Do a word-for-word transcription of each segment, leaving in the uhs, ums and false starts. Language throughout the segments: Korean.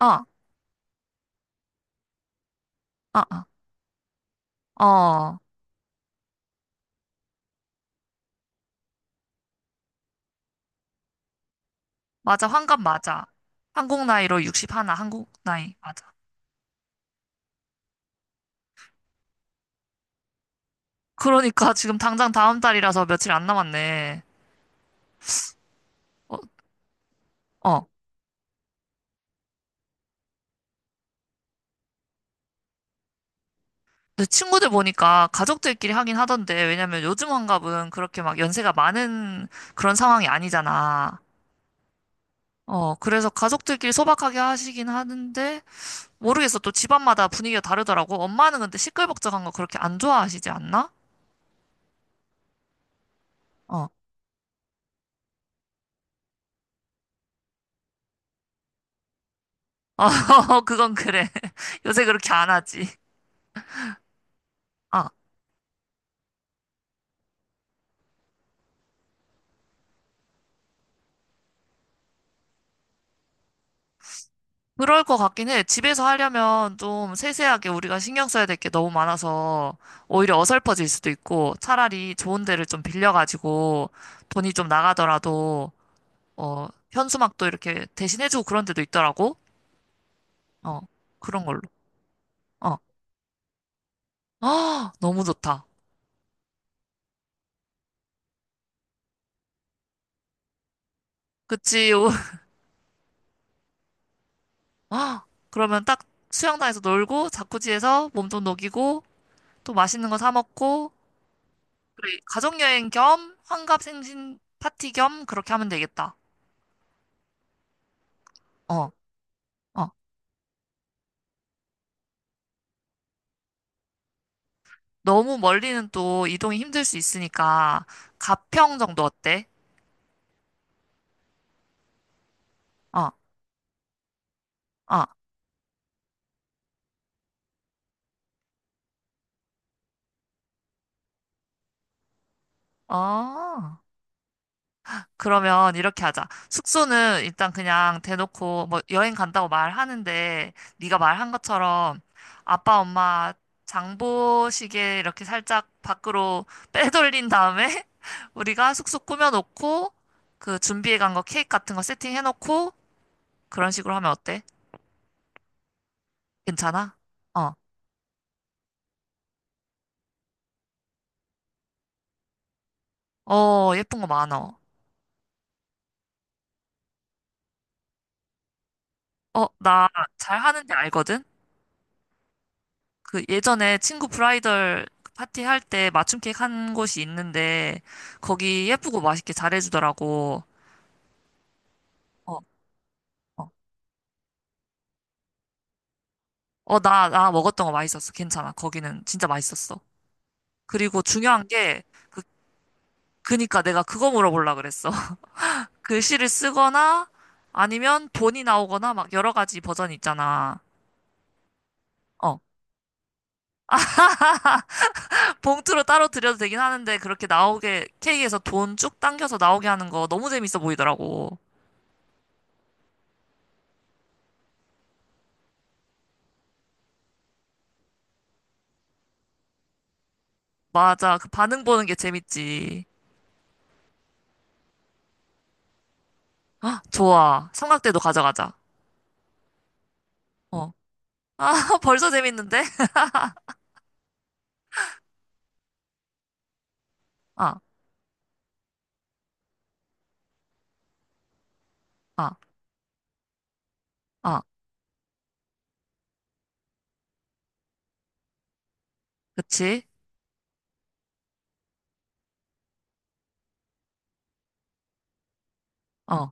어, 어, 어, 어. 맞아, 환갑 맞아. 한국 나이로 육십일, 한국 나이, 맞아. 그러니까 지금 당장 다음 달이라서 며칠 안 남았네. 어, 어. 내 친구들 보니까 가족들끼리 하긴 하던데, 왜냐면 요즘 환갑은 그렇게 막 연세가 많은 그런 상황이 아니잖아. 어, 그래서 가족들끼리 소박하게 하시긴 하는데, 모르겠어. 또 집안마다 분위기가 다르더라고. 엄마는 근데 시끌벅적한 거 그렇게 안 좋아하시지 않나? 어, 어, 그건 그래. 요새 그렇게 안 하지. 어. 그럴 것 같긴 해. 집에서 하려면 좀 세세하게 우리가 신경 써야 될 게 너무 많아서 오히려 어설퍼질 수도 있고 차라리 좋은 데를 좀 빌려가지고 돈이 좀 나가더라도. 어, 현수막도 이렇게 대신해주고 그런 데도 있더라고. 어, 그런 걸로. 어, 아, 너무 좋다. 그치. 오, 아, 그러면 딱 수영장에서 놀고 자쿠지에서 몸 좀 녹이고 또 맛있는 거 사 먹고 그래, 가족여행 겸 환갑 생신 파티 겸 그렇게 하면 되겠다. 어. 어. 너무 멀리는 또 이동이 힘들 수 있으니까 가평 정도 어때? 어, 어, 어. 그러면 이렇게 하자. 숙소는 일단 그냥 대놓고 뭐 여행 간다고 말하는데 네가 말한 것처럼 아빠 엄마 장보시게 이렇게 살짝 밖으로 빼돌린 다음에 우리가 숙소 꾸며놓고 그 준비해 간 거 케이크 같은 거 세팅해 놓고 그런 식으로 하면 어때? 괜찮아? 어, 어, 예쁜 거 많아. 어, 나 잘 하는데 알거든? 그 예전에 친구 브라이덜 파티 할 때 맞춤 케이크 한 곳이 있는데 거기 예쁘고 맛있게 잘해주더라고. 어, 어. 어, 나, 나 먹었던 거 맛있었어. 괜찮아. 거기는 진짜 맛있었어. 그리고 중요한 게 그, 그니까 내가 그거 물어보려고 그랬어. 글씨를 쓰거나 아니면 돈이 나오거나 막 여러 가지 버전이 있잖아. 어. 봉투로 따로 드려도 되긴 하는데 그렇게 나오게 케이크에서 돈 쭉 당겨서 나오게 하는 거 너무 재밌어 보이더라고. 맞아. 그 반응 보는 게 재밌지. 아, 좋아. 삼각대도 가져가자. 어. 아, 벌써 재밌는데? 아, 아, 아. 그치? 어,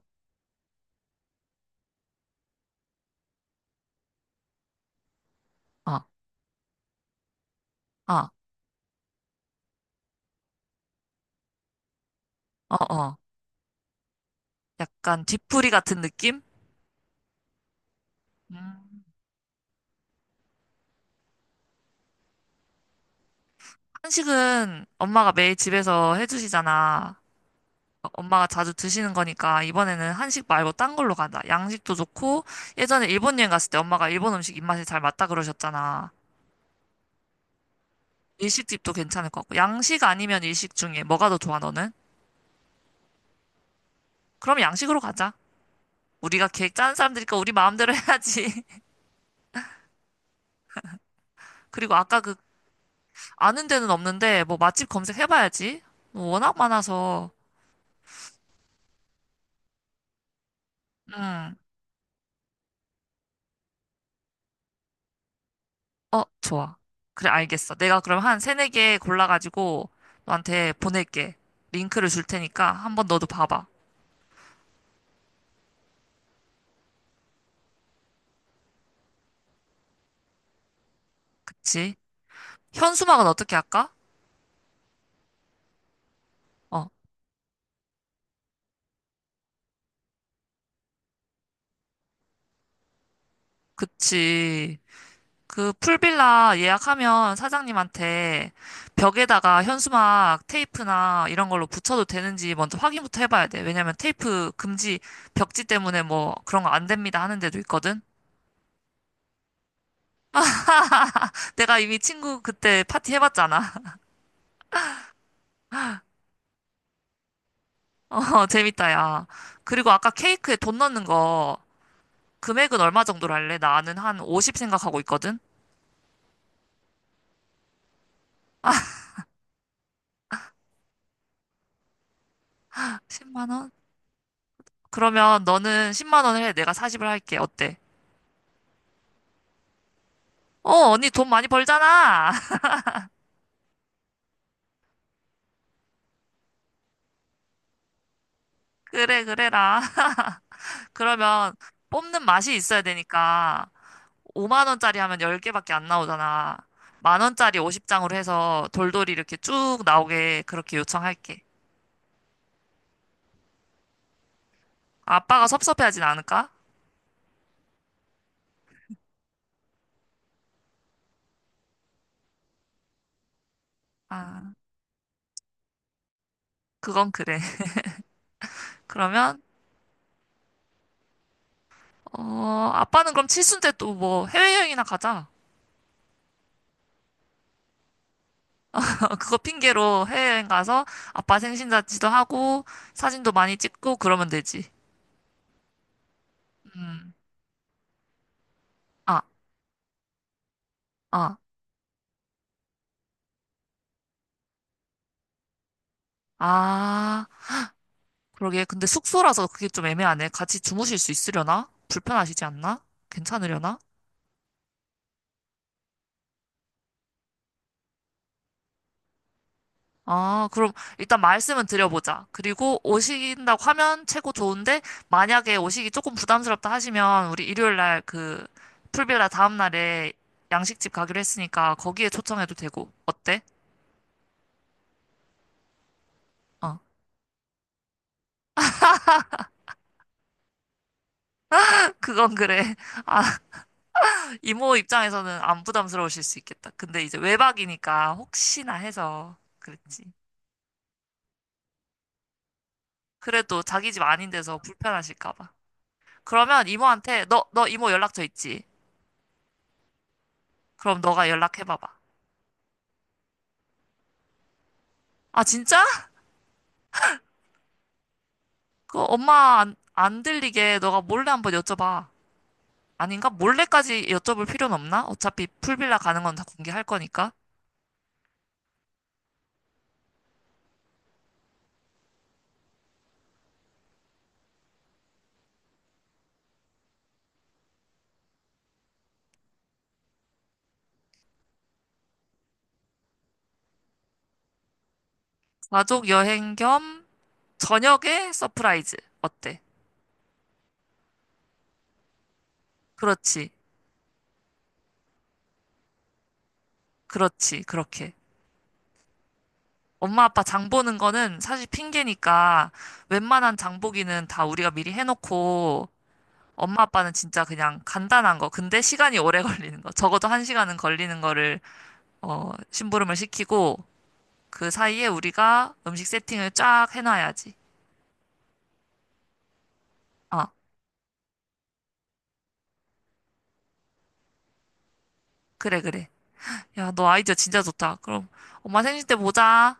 아, 아, 어, 어. 약간 뒤풀이 같은 느낌? 음. 한식은 엄마가 매일 집에서 해주시잖아. 어, 엄마가 자주 드시는 거니까 이번에는 한식 말고 딴 걸로 가자. 양식도 좋고 예전에 일본 여행 갔을 때 엄마가 일본 음식 입맛에 잘 맞다 그러셨잖아. 일식집도 괜찮을 것 같고 양식 아니면 일식 중에 뭐가 더 좋아 너는? 그럼 양식으로 가자. 우리가 계획 짠 사람들이니까 우리 마음대로 해야지. 그리고 아까 그 아는 데는 없는데 뭐 맛집 검색해봐야지. 워낙 많아서. 음. 어, 좋아. 그래, 알겠어. 내가 그럼 한 세네 개 골라가지고 너한테 보낼게. 링크를 줄 테니까 한 번 너도 봐봐. 그치? 현수막은 어떻게 할까? 어, 그치. 그 풀빌라 예약하면 사장님한테 벽에다가 현수막 테이프나 이런 걸로 붙여도 되는지 먼저 확인부터 해봐야 돼. 왜냐면 테이프 금지 벽지 때문에 뭐 그런 거 안 됩니다 하는 데도 있거든. 내가 이미 친구 그때 파티 해봤잖아. 어, 재밌다, 야. 그리고 아까 케이크에 돈 넣는 거 금액은 얼마 정도로 할래? 나는 한 오십 생각하고 있거든. 십만 원? 그러면 너는 십만 원을 해. 내가 사십을 할게. 어때? 어, 언니 돈 많이 벌잖아. 그래, 그래라. 그러면 뽑는 맛이 있어야 되니까 오만 원짜리 하면 열 개밖에 안 나오잖아. 만 원짜리 오십 장으로 해서 돌돌이 이렇게 쭉 나오게 그렇게 요청할게. 아빠가 섭섭해하진 않을까? 아, 그건 그래. 그러면 어, 아빠는 그럼 칠순 때 또 뭐 해외여행이나 가자. 그거 핑계로 해외여행 가서 아빠 생신잔치도 하고 사진도 많이 찍고 그러면 되지. 음. 아, 아, 아. 그러게. 근데 숙소라서 그게 좀 애매하네. 같이 주무실 수 있으려나? 불편하시지 않나? 괜찮으려나? 아, 그럼 일단 말씀은 드려보자. 그리고 오신다고 하면 최고 좋은데, 만약에 오시기 조금 부담스럽다 하시면, 우리 일요일 날 그, 풀빌라 다음날에 양식집 가기로 했으니까 거기에 초청해도 되고. 어때? 어. 그건 그래. 아, 이모 입장에서는 안 부담스러우실 수 있겠다. 근데 이제 외박이니까 혹시나 해서 그랬지. 그래도 자기 집 아닌 데서 불편하실까 봐. 그러면 이모한테 너, 너 이모 연락처 있지? 그럼 너가 연락해봐봐. 아, 진짜? 그 엄마 안, 안 들리게 너가 몰래 한번 여쭤봐. 아닌가? 몰래까지 여쭤볼 필요는 없나? 어차피 풀빌라 가는 건 다 공개할 거니까. 가족 여행 겸 저녁에 서프라이즈. 어때? 그렇지. 그렇지. 그렇게. 엄마 아빠 장 보는 거는 사실 핑계니까 웬만한 장보기는 다 우리가 미리 해놓고 엄마 아빠는 진짜 그냥 간단한 거. 근데 시간이 오래 걸리는 거. 적어도 한 시간은 걸리는 거를 어, 심부름을 시키고 그 사이에 우리가 음식 세팅을 쫙 해놔야지. 아, 그래, 그래. 야, 너 아이디어 진짜 좋다. 그럼 엄마 생신 때 보자.